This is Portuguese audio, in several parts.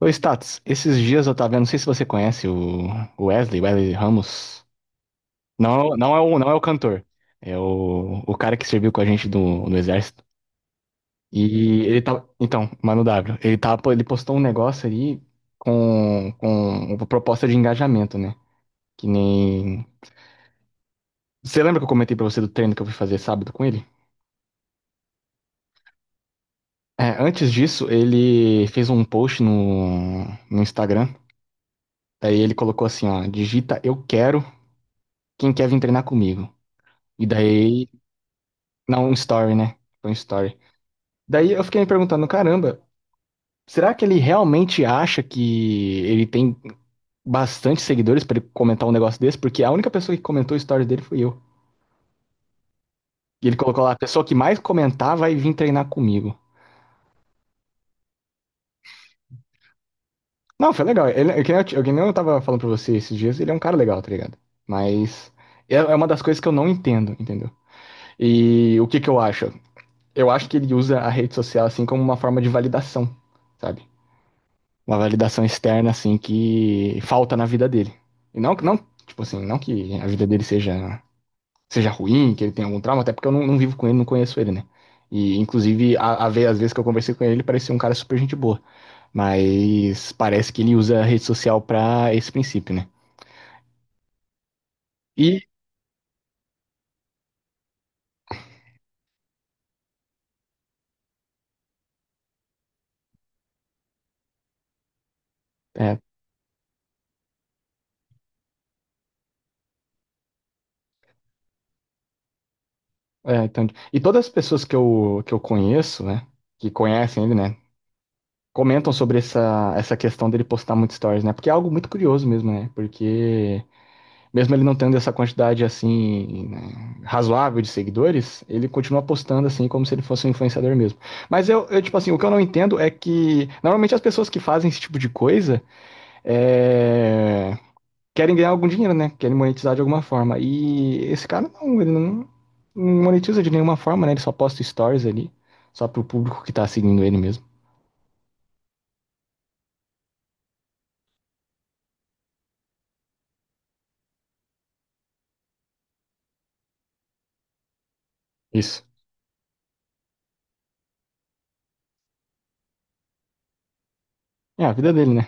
Ô, Status, esses dias eu tava vendo, não sei se você conhece o Wesley Ramos. Não, não é o cantor, é o cara que serviu com a gente no exército. Então, Mano W, ele postou um negócio ali com uma proposta de engajamento, né? Que nem... Você lembra que eu comentei pra você do treino que eu fui fazer sábado com ele? É, antes disso, ele fez um post no Instagram. Daí ele colocou assim, ó, digita eu quero quem quer vir treinar comigo. E daí. Não, um story, né? Foi um story. Daí eu fiquei me perguntando, caramba, será que ele realmente acha que ele tem bastante seguidores pra ele comentar um negócio desse? Porque a única pessoa que comentou o story dele foi eu. E ele colocou lá, a pessoa que mais comentar vai vir treinar comigo. Não, foi legal. Ele, é que nem eu, t- é que nem eu tava falando pra você esses dias, ele é um cara legal, tá ligado? Mas é uma das coisas que eu não entendo, entendeu? E o que que eu acho? Eu acho que ele usa a rede social assim como uma forma de validação, sabe? Uma validação externa, assim, que falta na vida dele. E não, não, tipo assim, não que a vida dele seja ruim, que ele tenha algum trauma, até porque eu não vivo com ele, não conheço ele, né? E, inclusive, às vezes que eu conversei com ele, ele parecia um cara super gente boa. Mas parece que ele usa a rede social pra esse princípio, né? E, é, então, e todas as pessoas que eu conheço, né? Que conhecem ele, né? Comentam sobre essa questão dele postar muito stories, né? Porque é algo muito curioso mesmo, né? Porque mesmo ele não tendo essa quantidade assim, né, razoável de seguidores, ele continua postando assim como se ele fosse um influenciador mesmo. Mas tipo assim, o que eu não entendo é que normalmente as pessoas que fazem esse tipo de coisa é, querem ganhar algum dinheiro, né? Querem monetizar de alguma forma. E esse cara não, ele não monetiza de nenhuma forma, né? Ele só posta stories ali, só pro público que tá seguindo ele mesmo. Isso. É a vida dele, né?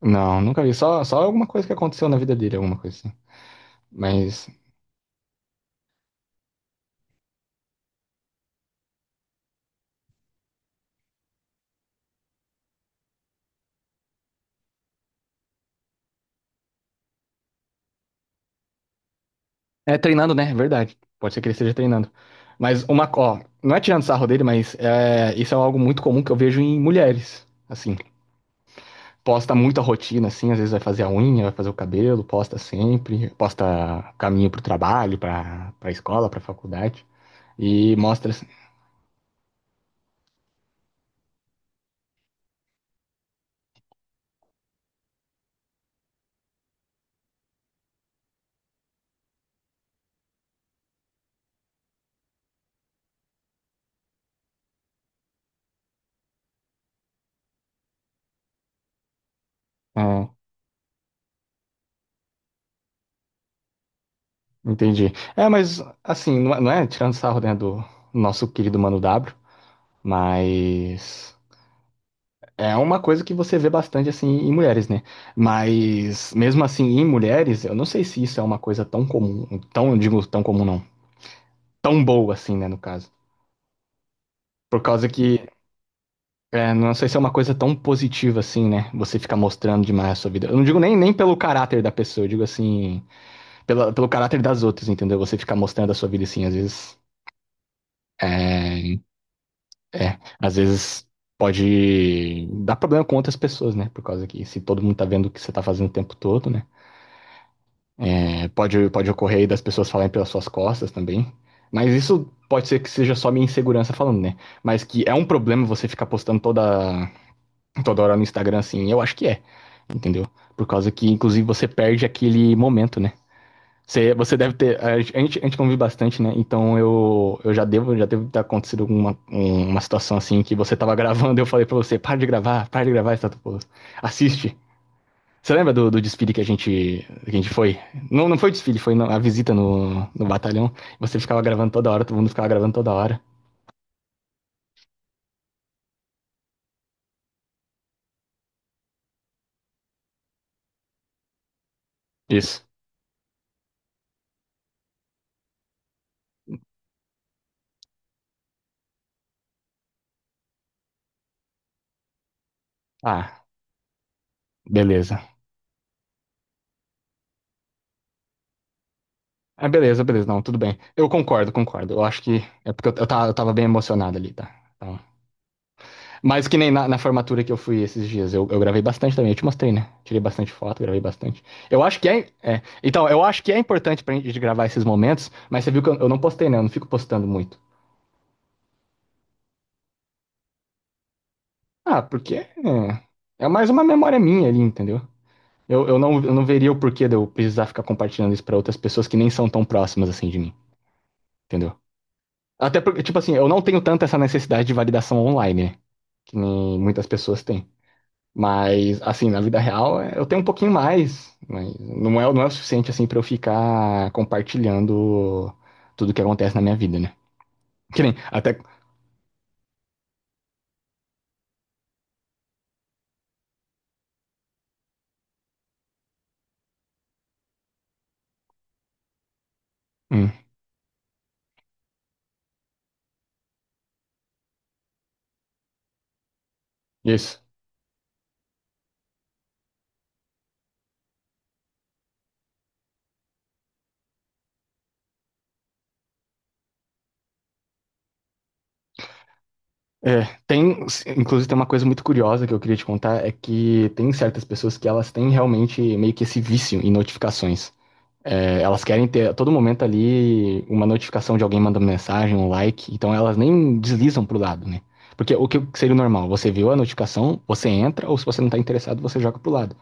Não, nunca vi. Só alguma coisa que aconteceu na vida dele, alguma coisa assim. Mas É treinando, né? Verdade. Pode ser que ele esteja treinando. Mas ó, não é tirando sarro dele, mas isso é algo muito comum que eu vejo em mulheres. Assim, posta muita rotina, assim, às vezes vai fazer a unha, vai fazer o cabelo, posta sempre, posta caminho pro trabalho, pra escola, pra faculdade. E mostra assim. É, entendi. É, mas assim, não é tirando sarro, né, do nosso querido Mano W, mas. É uma coisa que você vê bastante assim em mulheres, né? Mas mesmo assim em mulheres, eu não sei se isso é uma coisa tão comum, eu digo tão comum não, tão boa assim, né, no caso. Por causa que não sei se é uma coisa tão positiva assim, né? Você ficar mostrando demais a sua vida. Eu não digo nem pelo caráter da pessoa, eu digo assim, pelo caráter das outras, entendeu? Você ficar mostrando a sua vida assim, às vezes é, às vezes pode dar problema com outras pessoas, né? Por causa que se todo mundo tá vendo o que você tá fazendo o tempo todo, né? Pode ocorrer aí das pessoas falarem pelas suas costas também. Mas isso pode ser que seja só minha insegurança falando, né? Mas que é um problema você ficar postando toda hora no Instagram assim, eu acho que é, entendeu? Por causa que, inclusive, você perde aquele momento, né? Você deve ter. A gente convive bastante, né? Então eu já deve ter acontecido uma situação assim que você tava gravando e eu falei pra você, para de gravar, Status Post. Assiste. Você lembra do desfile que a gente foi? Não, não foi o desfile, foi a visita no batalhão. Você ficava gravando toda hora, todo mundo ficava gravando toda hora. Isso. Ah, beleza. Ah, beleza, beleza, não, tudo bem. Eu concordo, concordo. Eu acho que é porque eu tava bem emocionado ali, tá? Então, mas que nem na formatura que eu fui esses dias, eu gravei bastante também, eu te mostrei, né? Tirei bastante foto, gravei bastante. Eu acho que é. Então, eu acho que é importante pra gente gravar esses momentos, mas você viu que eu não postei, né? Eu não fico postando muito. Ah, porque é mais uma memória minha ali, entendeu? Eu não veria o porquê de eu precisar ficar compartilhando isso pra outras pessoas que nem são tão próximas assim de mim, entendeu? Até porque, tipo assim, eu não tenho tanto essa necessidade de validação online, né? Que nem muitas pessoas têm. Mas, assim, na vida real, eu tenho um pouquinho mais, mas não é o suficiente, assim, pra eu ficar compartilhando tudo que acontece na minha vida, né? Que nem, até. Hum, isso. É, tem, Inclusive tem uma coisa muito curiosa que eu queria te contar, é que tem certas pessoas que elas têm realmente meio que esse vício em notificações. É, elas querem ter a todo momento ali uma notificação de alguém mandando mensagem, um like, então elas nem deslizam pro lado, né? Porque o que seria o normal? Você viu a notificação, você entra, ou se você não tá interessado, você joga pro lado.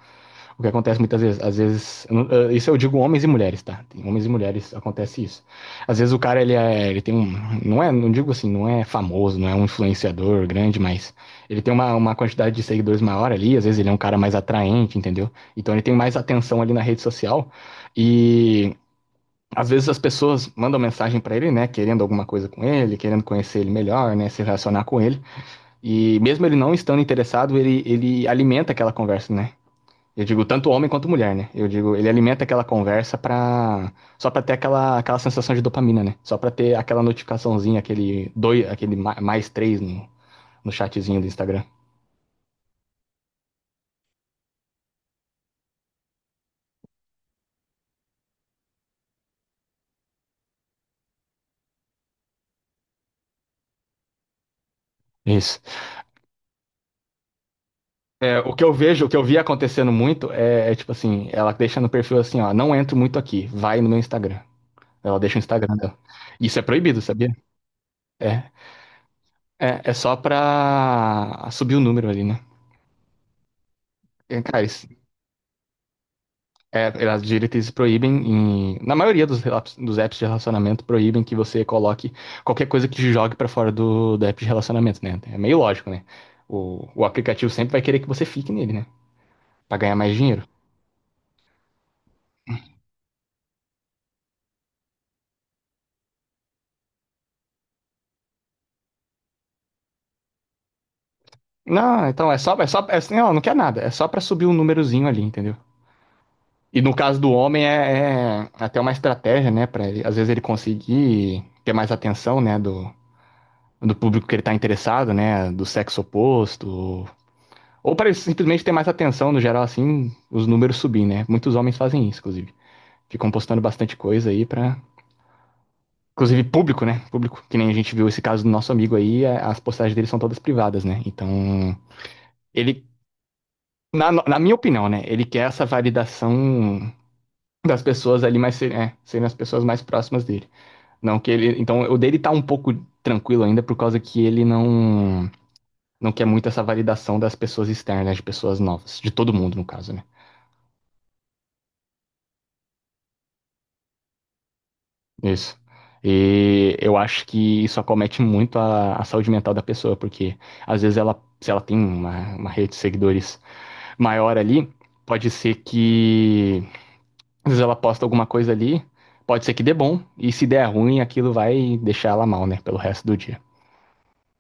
O que acontece muitas vezes, às vezes, eu não- eh, isso eu digo homens e mulheres, tá? Tem homens e mulheres acontece isso. Às vezes o cara ele tem não é, não digo assim, não é famoso, não é um influenciador grande, mas ele tem uma quantidade de seguidores maior ali, às vezes ele é um cara mais atraente, entendeu? Então ele tem mais atenção ali na rede social e às vezes as pessoas mandam mensagem pra ele, né, querendo alguma coisa com ele, querendo conhecer ele melhor, né, se relacionar com ele. E mesmo ele não estando interessado, ele alimenta aquela conversa, né? Eu digo tanto homem quanto mulher, né? Eu digo, ele alimenta aquela conversa pra... Só pra ter aquela sensação de dopamina, né? Só pra ter aquela notificaçãozinha, aquele, dois, mais três no chatzinho do Instagram. Isso. É, o que eu vi acontecendo muito é tipo assim, ela deixa no perfil assim, ó, não entro muito aqui, vai no meu Instagram. Ela deixa o Instagram dela. Isso é proibido, sabia? É, É só pra subir o número ali, né? É, cara, é, as diretrizes na maioria dos apps de relacionamento, proíbem que você coloque qualquer coisa que te jogue pra fora do app de relacionamento, né? É meio lógico, né? O aplicativo sempre vai querer que você fique nele, né? Pra ganhar mais dinheiro. Não, então é só, é, assim, não, não quer nada. É só pra subir um númerozinho ali, entendeu? E no caso do homem é até uma estratégia, né? Para às vezes ele conseguir ter mais atenção, né? Do público que ele tá interessado, né? Do sexo oposto, ou para eles simplesmente ter mais atenção no geral, assim, os números subir, né? Muitos homens fazem isso, inclusive. Ficam postando bastante coisa aí pra. Inclusive público, né? Público. Que nem a gente viu esse caso do nosso amigo aí, é, as postagens dele são todas privadas, né? Então, ele. Na minha opinião, né? Ele quer essa validação das pessoas ali mais, serem as pessoas mais próximas dele. Não que ele. Então, o dele tá um pouco tranquilo ainda por causa que ele não. Não quer muito essa validação das pessoas externas, né? De pessoas novas. De todo mundo, no caso, né? Isso. E eu acho que isso acomete muito a saúde mental da pessoa, porque às vezes se ela tem uma rede de seguidores maior ali, pode ser que às vezes ela posta alguma coisa ali, pode ser que dê bom, e se der ruim, aquilo vai deixar ela mal, né, pelo resto do dia.